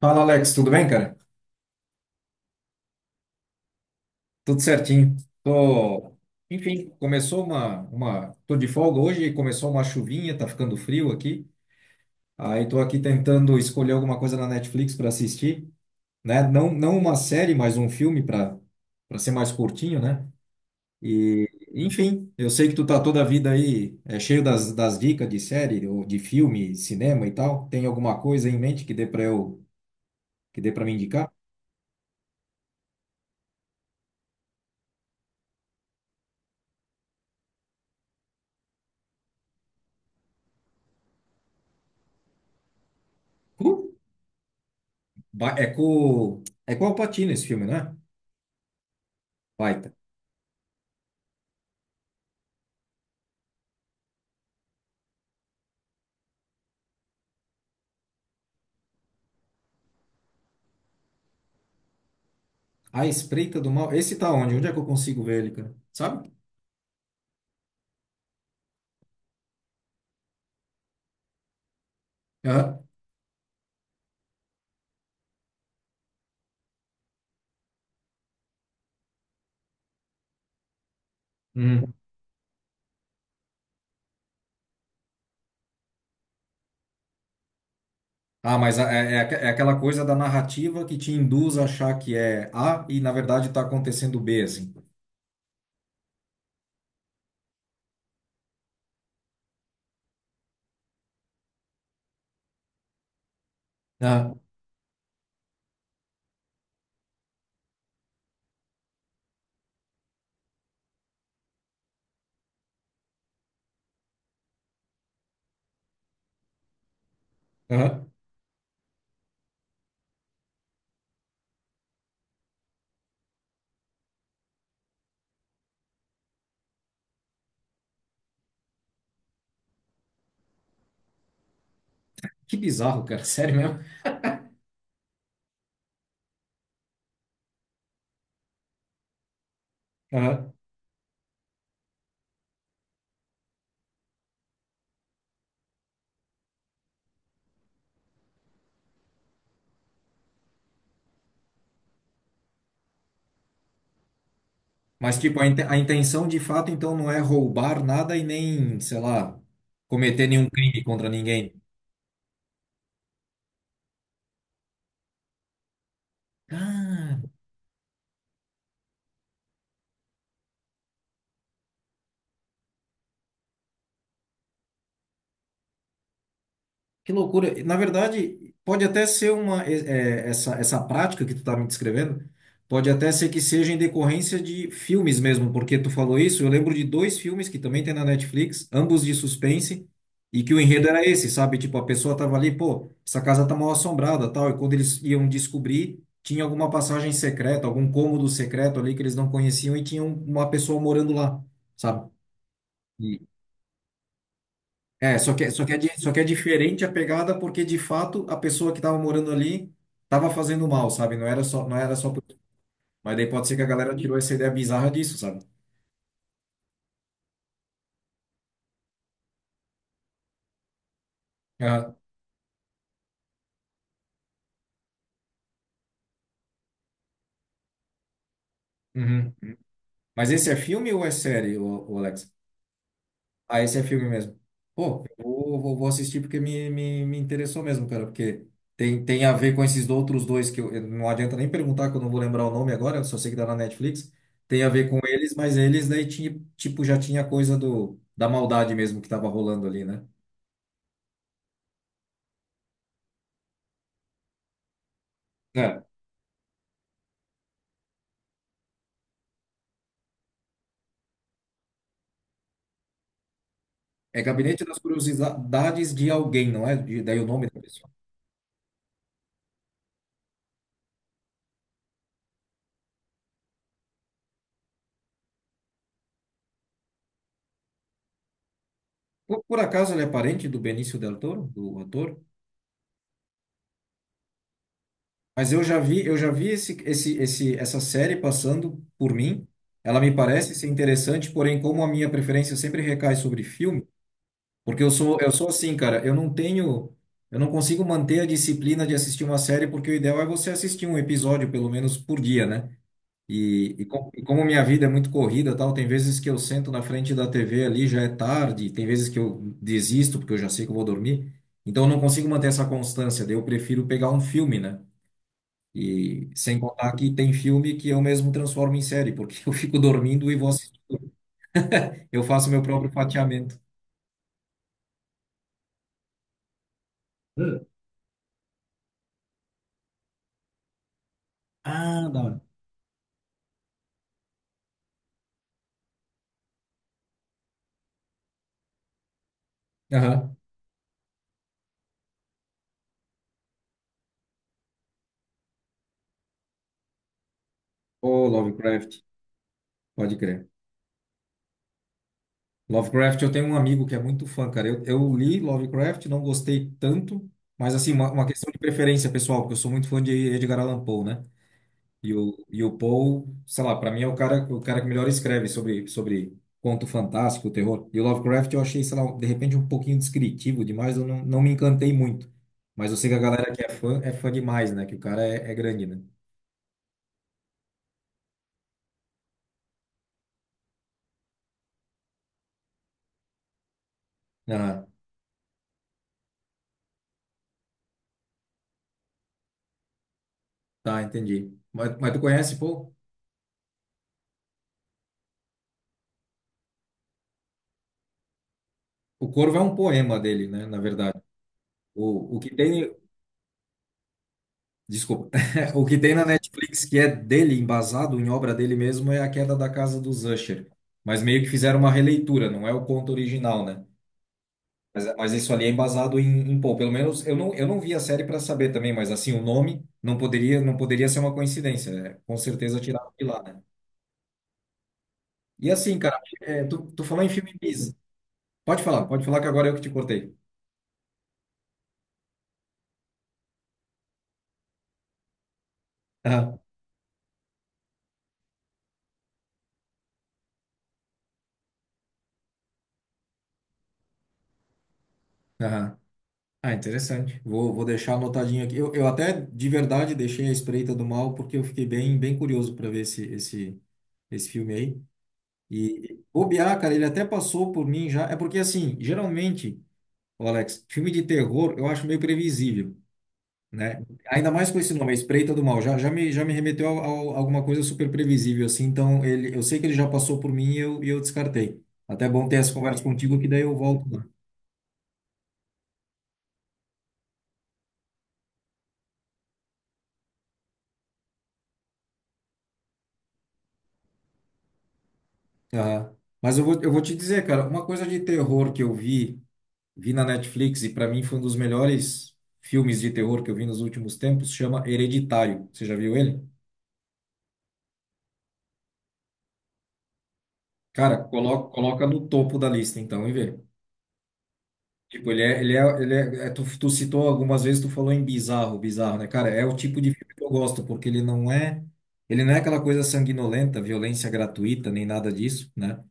Fala, Alex, tudo bem, cara? Tudo certinho. Tô, enfim, tô de folga hoje, começou uma chuvinha, tá ficando frio aqui. Aí tô aqui tentando escolher alguma coisa na Netflix para assistir, né? Não, não uma série, mas um filme para ser mais curtinho, né? E, enfim, eu sei que tu tá toda a vida aí cheio das dicas de série ou de filme, cinema e tal. Tem alguma coisa em mente que dê para me indicar? Uh, é com o Al Pacino esse filme, né? Baita. A Espreita do Mal. Esse tá onde? Onde é que eu consigo ver ele, cara? Sabe? Aham. Uhum. Ah, mas aquela coisa da narrativa que te induz a achar que é A e, na verdade, tá acontecendo B, assim. Ah, aham. Que bizarro, cara. Sério mesmo? Aham. Mas, tipo, a intenção de fato, então, não é roubar nada e nem, sei lá, cometer nenhum crime contra ninguém. Que loucura. Na verdade, pode até ser uma é, é, essa essa prática que tu tá me descrevendo, pode até ser que seja em decorrência de filmes mesmo, porque tu falou isso, eu lembro de dois filmes que também tem na Netflix, ambos de suspense, e que o enredo era esse, sabe? Tipo, a pessoa tava ali, pô, essa casa tá mal assombrada, tal, e quando eles iam descobrir, tinha alguma passagem secreta, algum cômodo secreto ali que eles não conheciam e tinha uma pessoa morando lá, sabe? Só que é diferente a pegada porque, de fato, a pessoa que estava morando ali estava fazendo mal, sabe? Não era só. Mas daí pode ser que a galera tirou essa ideia bizarra disso, sabe? Ah, uhum. Mas esse é filme ou é série, Alex? Ah, esse é filme mesmo. Pô, eu vou assistir porque me interessou mesmo, cara, porque tem a ver com esses outros dois não adianta nem perguntar que eu não vou lembrar o nome agora, eu só sei que tá na Netflix. Tem a ver com eles, mas eles daí tinha, tipo, já tinha coisa do, da maldade mesmo que tava rolando ali, né? É. É Gabinete das Curiosidades de Alguém, não é? Daí o nome da pessoa. Por acaso ele é parente do Benício Del Toro, do ator? Mas eu já vi essa série passando por mim. Ela me parece ser interessante, porém, como a minha preferência sempre recai sobre filme, porque eu sou assim, cara, eu não consigo manter a disciplina de assistir uma série, porque o ideal é você assistir um episódio, pelo menos, por dia, né? E como minha vida é muito corrida, tal, tem vezes que eu sento na frente da TV ali, já é tarde, tem vezes que eu desisto, porque eu já sei que eu vou dormir. Então, eu não consigo manter essa constância, daí eu prefiro pegar um filme, né? E sem contar que tem filme que eu mesmo transformo em série, porque eu fico dormindo e vou assistir. Eu faço meu próprio fatiamento. Hum. Ah, da hora. Aham. Ô, Lovecraft, pode crer. Lovecraft, eu tenho um amigo que é muito fã, cara. Eu li Lovecraft, não gostei tanto, mas assim, uma questão de preferência pessoal, porque eu sou muito fã de Edgar Allan Poe, né? E o Poe, sei lá, para mim é o cara que melhor escreve sobre conto fantástico, terror. E o Lovecraft eu achei, sei lá, de repente um pouquinho descritivo demais, eu não me encantei muito. Mas eu sei que a galera que é fã demais, né? Que o cara é grande, né? Ah, tá, entendi. Mas tu conhece, Poe? O Corvo é um poema dele, né? Na verdade. O, o que tem, Desculpa. O que tem na Netflix que é dele, embasado em obra dele mesmo, é A Queda da Casa dos Usher. Mas meio que fizeram uma releitura, não é o conto original, né? Mas isso ali é embasado pelo menos eu não vi a série para saber também, mas assim, o nome não poderia ser uma coincidência, né? Com certeza tiraram de lá, né? E assim, cara, tu falou em filme Pisa. Pode falar que agora eu que te cortei. Aham, aham. Ah, interessante. Vou deixar anotadinho aqui. Eu até de verdade deixei a Espreita do Mal porque eu fiquei bem, bem curioso para ver esse filme aí. E bobear, cara, ele até passou por mim já. É porque assim, geralmente. Ô, Alex, filme de terror eu acho meio previsível, né? Ainda mais com esse nome, A Espreita do Mal. Já me remeteu a alguma coisa super previsível, assim. Então, eu sei que ele já passou por mim e eu descartei. Até é bom ter essa conversa contigo, que daí eu volto lá. Aham. Mas eu vou te dizer, cara, uma coisa de terror que eu vi na Netflix e para mim foi um dos melhores filmes de terror que eu vi nos últimos tempos, chama Hereditário. Você já viu ele? Cara, coloca, coloca no topo da lista, então, e vê. Tipo, tu citou algumas vezes, tu falou em bizarro, bizarro, né? Cara, é o tipo de filme que eu gosto, porque ele não é, aquela coisa sanguinolenta, violência gratuita, nem nada disso, né?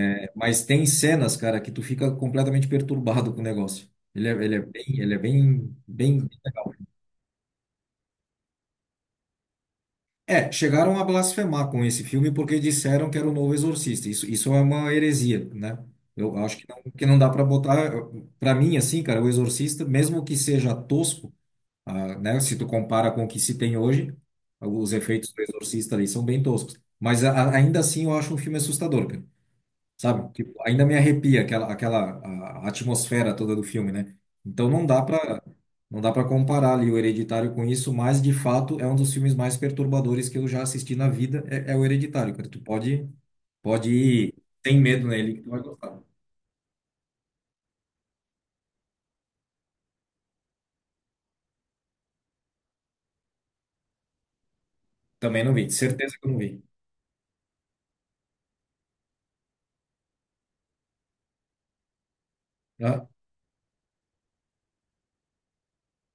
É, mas tem cenas, cara, que tu fica completamente perturbado com o negócio. Ele é bem, bem... É, chegaram a blasfemar com esse filme porque disseram que era o novo Exorcista. Isso é uma heresia, né? Eu acho que não dá pra botar, para mim, assim, cara, o Exorcista, mesmo que seja tosco, ah, né? Se tu compara com o que se tem hoje, os efeitos do Exorcista ali são bem toscos. Mas ainda assim eu acho um filme assustador, cara. Sabe? Tipo, ainda me arrepia aquela a atmosfera toda do filme, né? Então não dá para comparar ali o Hereditário com isso, mas de fato é um dos filmes mais perturbadores que eu já assisti na vida, é o Hereditário, cara. Tu pode ir sem medo nele que tu vai gostar. Também não vi, certeza que eu não vi. Ah,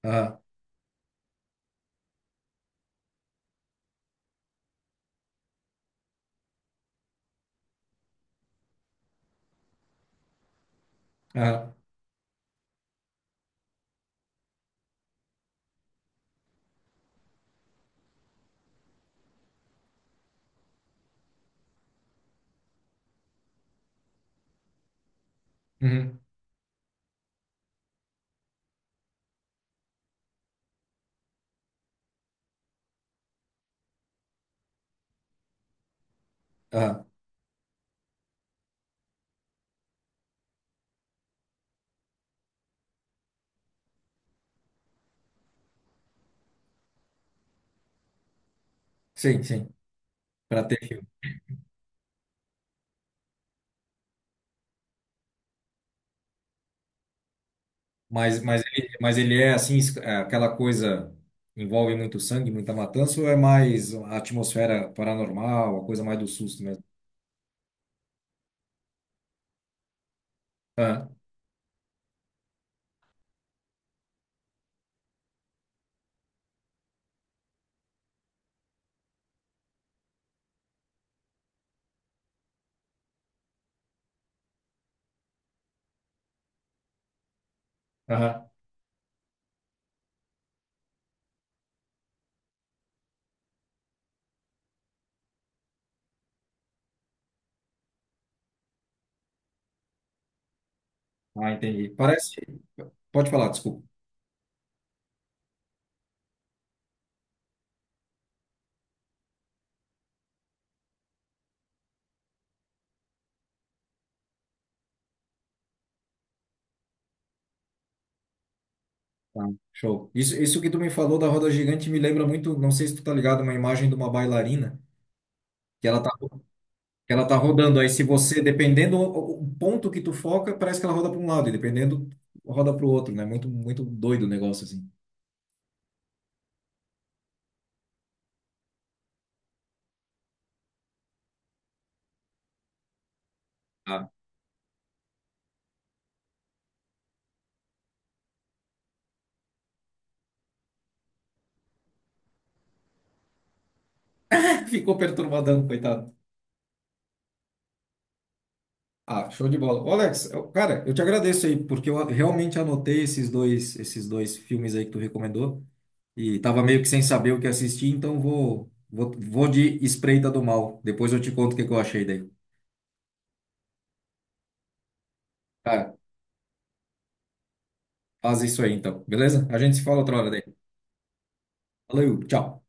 ah, ah, uhum, ah. Sim, sim. Pra ter Mas ele é assim, é aquela coisa envolve muito sangue, muita matança, ou é mais a atmosfera paranormal, a coisa mais do susto mesmo? Ah, aham. Ah, entendi. Parece. Pode falar, desculpa. Tá, show. Isso que tu me falou da roda gigante me lembra muito, não sei se tu tá ligado, uma imagem de uma bailarina que ela tá, que ela tá rodando. Aí se você, dependendo o ponto que tu foca, parece que ela roda para um lado, e dependendo, roda para o outro, né? Muito, muito doido o negócio assim. Ah. Ficou perturbadão, coitado. Ah, show de bola. Ô, Alex, cara, eu te agradeço aí, porque eu realmente anotei esses dois filmes aí que tu recomendou e tava meio que sem saber o que assistir, então vou de Espreita do Mal. Depois eu te conto o que que eu achei daí. Cara, faz isso aí então, beleza? A gente se fala outra hora daí. Valeu, tchau.